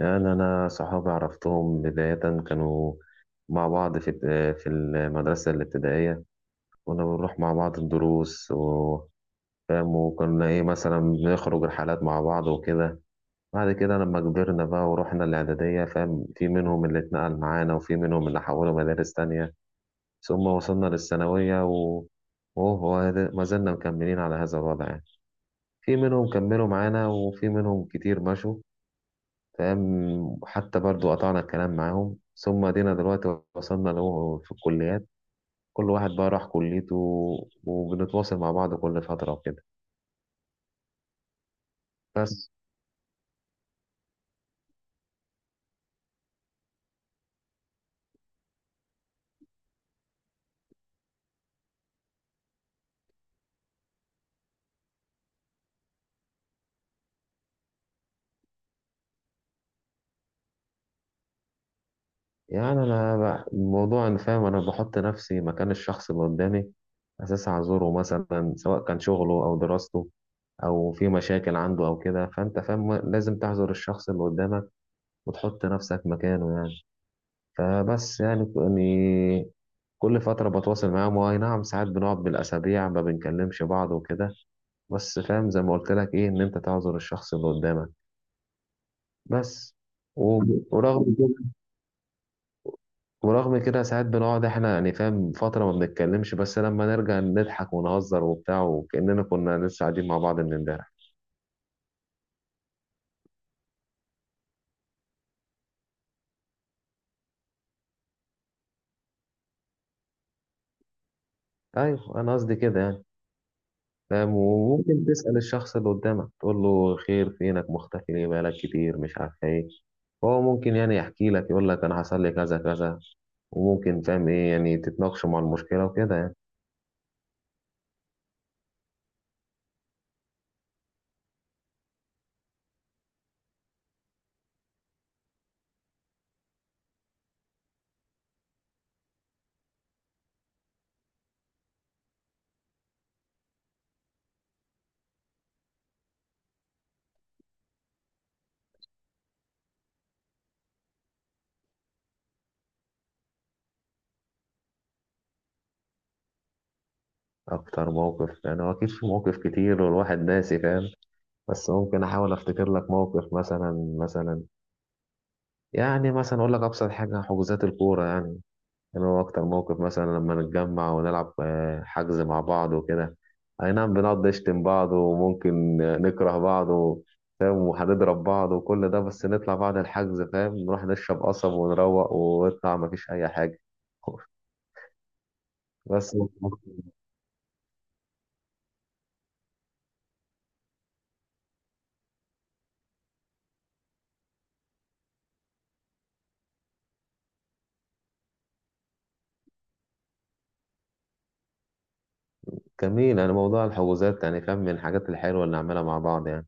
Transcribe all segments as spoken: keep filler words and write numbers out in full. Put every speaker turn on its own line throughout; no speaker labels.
يعني أنا صحابي عرفتهم بداية كانوا مع بعض في في المدرسة الابتدائية. كنا بنروح مع بعض الدروس وفاهم، وكنا إيه مثلا بنخرج رحلات مع بعض وكده. بعد كده لما كبرنا بقى ورحنا الإعدادية، فاهم، في منهم اللي اتنقل معانا وفي منهم اللي حولوا مدارس تانية. ثم وصلنا للثانوية و وهو هذا- ما زلنا مكملين على هذا الوضع يعني. في منهم كملوا معانا وفي منهم كتير مشوا، تمام، وحتى برضو قطعنا الكلام معاهم، ثم ادينا دلوقتي وصلنا له في الكليات. كل واحد بقى راح كليته وبنتواصل مع بعض كل فترة وكده. بس يعني أنا ب- الموضوع أنا فاهم، أنا بحط نفسي مكان الشخص اللي قدامي، أساسا أعذره، مثلا سواء كان شغله أو دراسته أو في مشاكل عنده أو كده، فأنت فاهم لازم تعذر الشخص اللي قدامك وتحط نفسك مكانه يعني. فبس يعني ك- يعني كل فترة بتواصل معاهم، واي نعم ساعات بنقعد بالأسابيع ما بنكلمش بعض وكده، بس فاهم زي ما قلت لك إيه، إن أنت تعذر الشخص اللي قدامك بس. و- ورغم كده، ورغم كده ساعات بنقعد إحنا يعني فاهم فترة ما بنتكلمش، بس لما نرجع نضحك ونهزر وبتاع وكأننا كنا لسه قاعدين مع بعض من إمبارح. أيوه أنا قصدي كده يعني. فاهم، وممكن تسأل الشخص اللي قدامك تقول له خير، فينك مختفي ليه بقالك كتير مش عارف إيه. هو ممكن يعني يحكي لك يقول لك انا حصل لي كذا كذا، وممكن فاهم ايه يعني تتناقشوا مع المشكله وكده يعني. اكتر موقف، يعني هو اكيد في مواقف كتير والواحد ناسي فاهم، بس ممكن احاول افتكر لك موقف. مثلا مثلا يعني مثلا اقول لك ابسط حاجه، حجوزات الكوره يعني. يعني هو أكتر موقف مثلا لما نتجمع ونلعب آه، حجز مع بعض وكده. أي نعم بنقعد نشتم بعض وممكن آه، نكره بعض و- فاهم وهنضرب بعض وكل ده، بس نطلع بعد الحجز فاهم نروح نشرب قصب ونروق ونطلع مفيش أي حاجة. بس جميل يعني موضوع الحجوزات، يعني فاهم من الحاجات الحلوة اللي نعملها مع بعض يعني.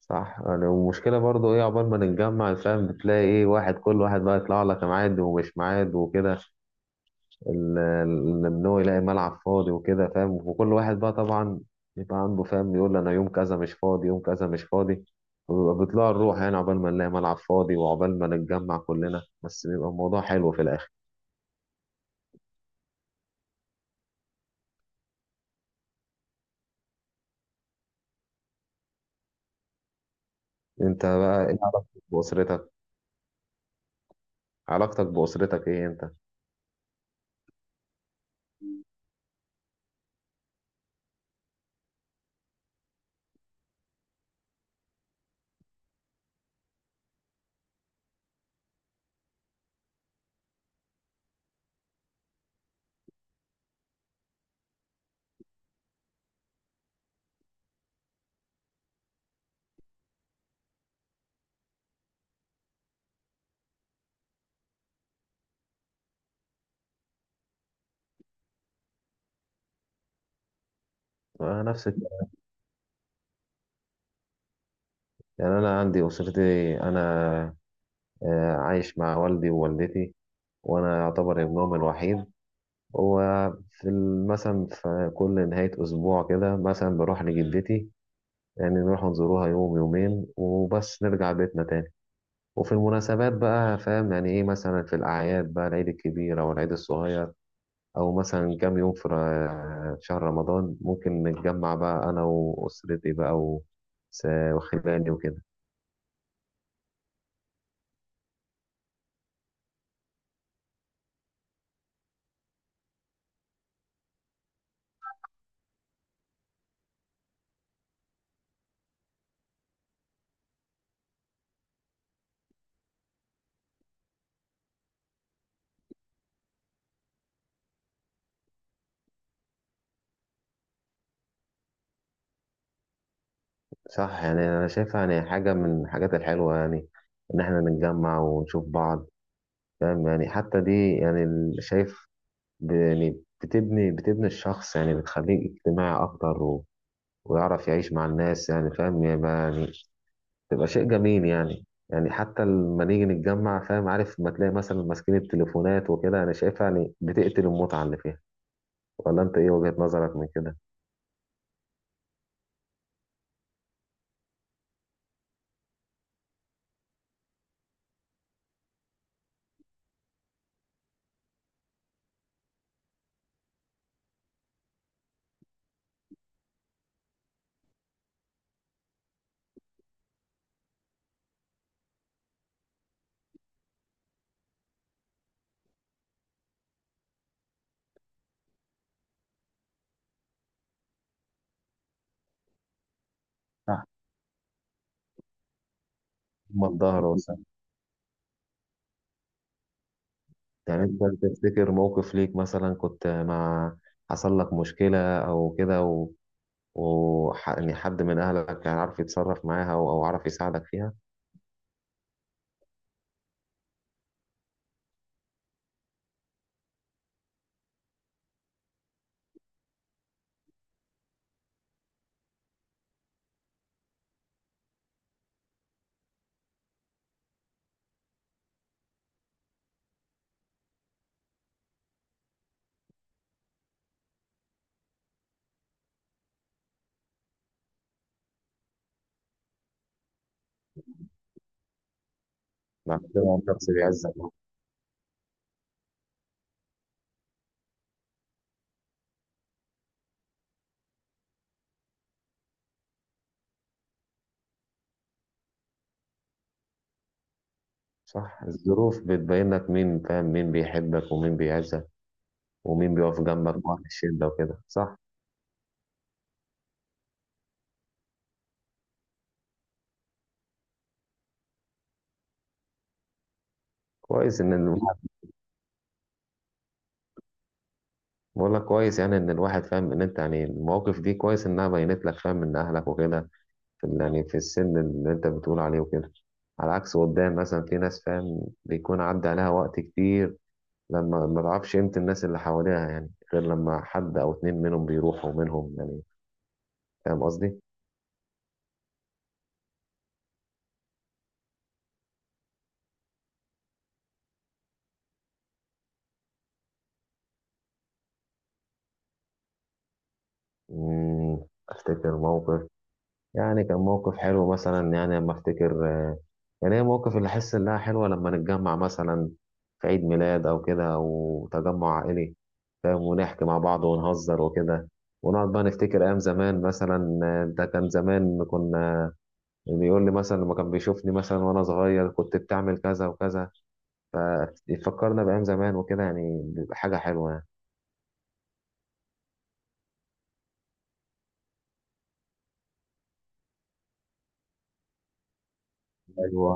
صح، يعني المشكلة برضو ايه، عقبال ما نتجمع فاهم بتلاقي ايه واحد، كل واحد بقى يطلع لك ميعاد ومش ميعاد وكده. ال- ال- ان هو يلاقي ملعب فاضي وكده، فاهم، وكل واحد بقى طبعا يبقى عنده فاهم، يقول انا يوم كذا مش فاضي يوم كذا مش فاضي، وبيبقى بيطلع الروح يعني عقبال ما نلاقي ملعب فاضي وعقبال ما نتجمع كلنا، بس بيبقى الموضوع حلو في الاخر. انت بقى ايه علاقتك باسرتك؟ علاقتك باسرتك ايه انت؟ آه، نفس الكلام. يعني انا عندي اسرتي، انا آه، عايش مع والدي ووالدتي، وانا يعتبر ابنهم الوحيد. وفي ال- مثلا في كل نهاية أسبوع كده مثلا بروح لجدتي، يعني نروح نزوروها يوم يومين وبس نرجع بيتنا تاني. وفي المناسبات بقى فاهم يعني ايه، مثلا في الأعياد بقى، العيد الكبير أو العيد الصغير، أو مثلا كام يوم في ر- شهر رمضان، ممكن نتجمع بقى أنا وأسرتي بقى و- س- وخلاني وكده. صح، يعني أنا شايفها يعني حاجة من الحاجات الحلوة يعني، إن إحنا نتجمع ونشوف بعض. فاهم يعني حتى دي يعني ال- شايف، ب- يعني بتبني بتبني الشخص يعني، بتخليه اجتماعي أكتر ويعرف يعيش مع الناس، يعني فاهم يعني تبقى شيء جميل يعني. يعني حتى لما نيجي نتجمع فاهم، عارف ما تلاقي مثلا ماسكين التليفونات وكده، انا شايفها يعني بتقتل المتعة اللي فيها. ولا انت ايه وجهة نظرك من كده؟ صح، هم الظهر أنت وس- يعني انت تفتكر موقف ليك مثلا كنت مع، حصل لك مشكلة او كده و... و... ح- يعني حد من اهلك كان عارف يتصرف معاها او أو عارف يساعدك فيها. بعد كده الشخص بيعزك. صح، الظروف بتبين لك مين، فاهم مين بيحبك ومين بيعزك ومين بيقف جنبك بقى في الشدة وكده، صح. كويس ان الواحد، بقول لك كويس يعني ان الواحد فاهم ان انت يعني المواقف دي كويس انها بينت لك فاهم من اهلك وكده، في ال- يعني في السن اللي انت بتقول عليه وكده. على عكس قدام مثلا في ناس فاهم بيكون عدى عليها وقت كتير لما ما تعرفش قيمة الناس اللي حواليها، يعني غير لما حد او اتنين منهم بيروحوا منهم يعني. فاهم قصدي؟ مم، افتكر موقف. يعني كان موقف حلو مثلا، يعني لما افتكر آه، يعني هي موقف اللي احس انها حلوه لما نتجمع مثلا في عيد ميلاد او كده او تجمع عائلي، فاهم، ونحكي مع بعض ونهزر وكده، ونقعد بقى نفتكر ايام زمان، مثلا آه، ده كان زمان كنا، بيقول لي مثلا لما كان بيشوفني مثلا وانا صغير كنت بتعمل كذا وكذا، فيفكرنا بايام زمان وكده يعني، بيبقى حاجه حلوه يعني. ايوه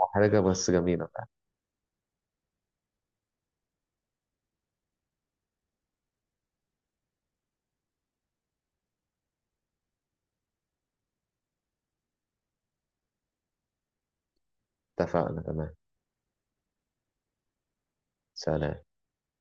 محرجه بس جميله. اتفقنا، تمام، سلام.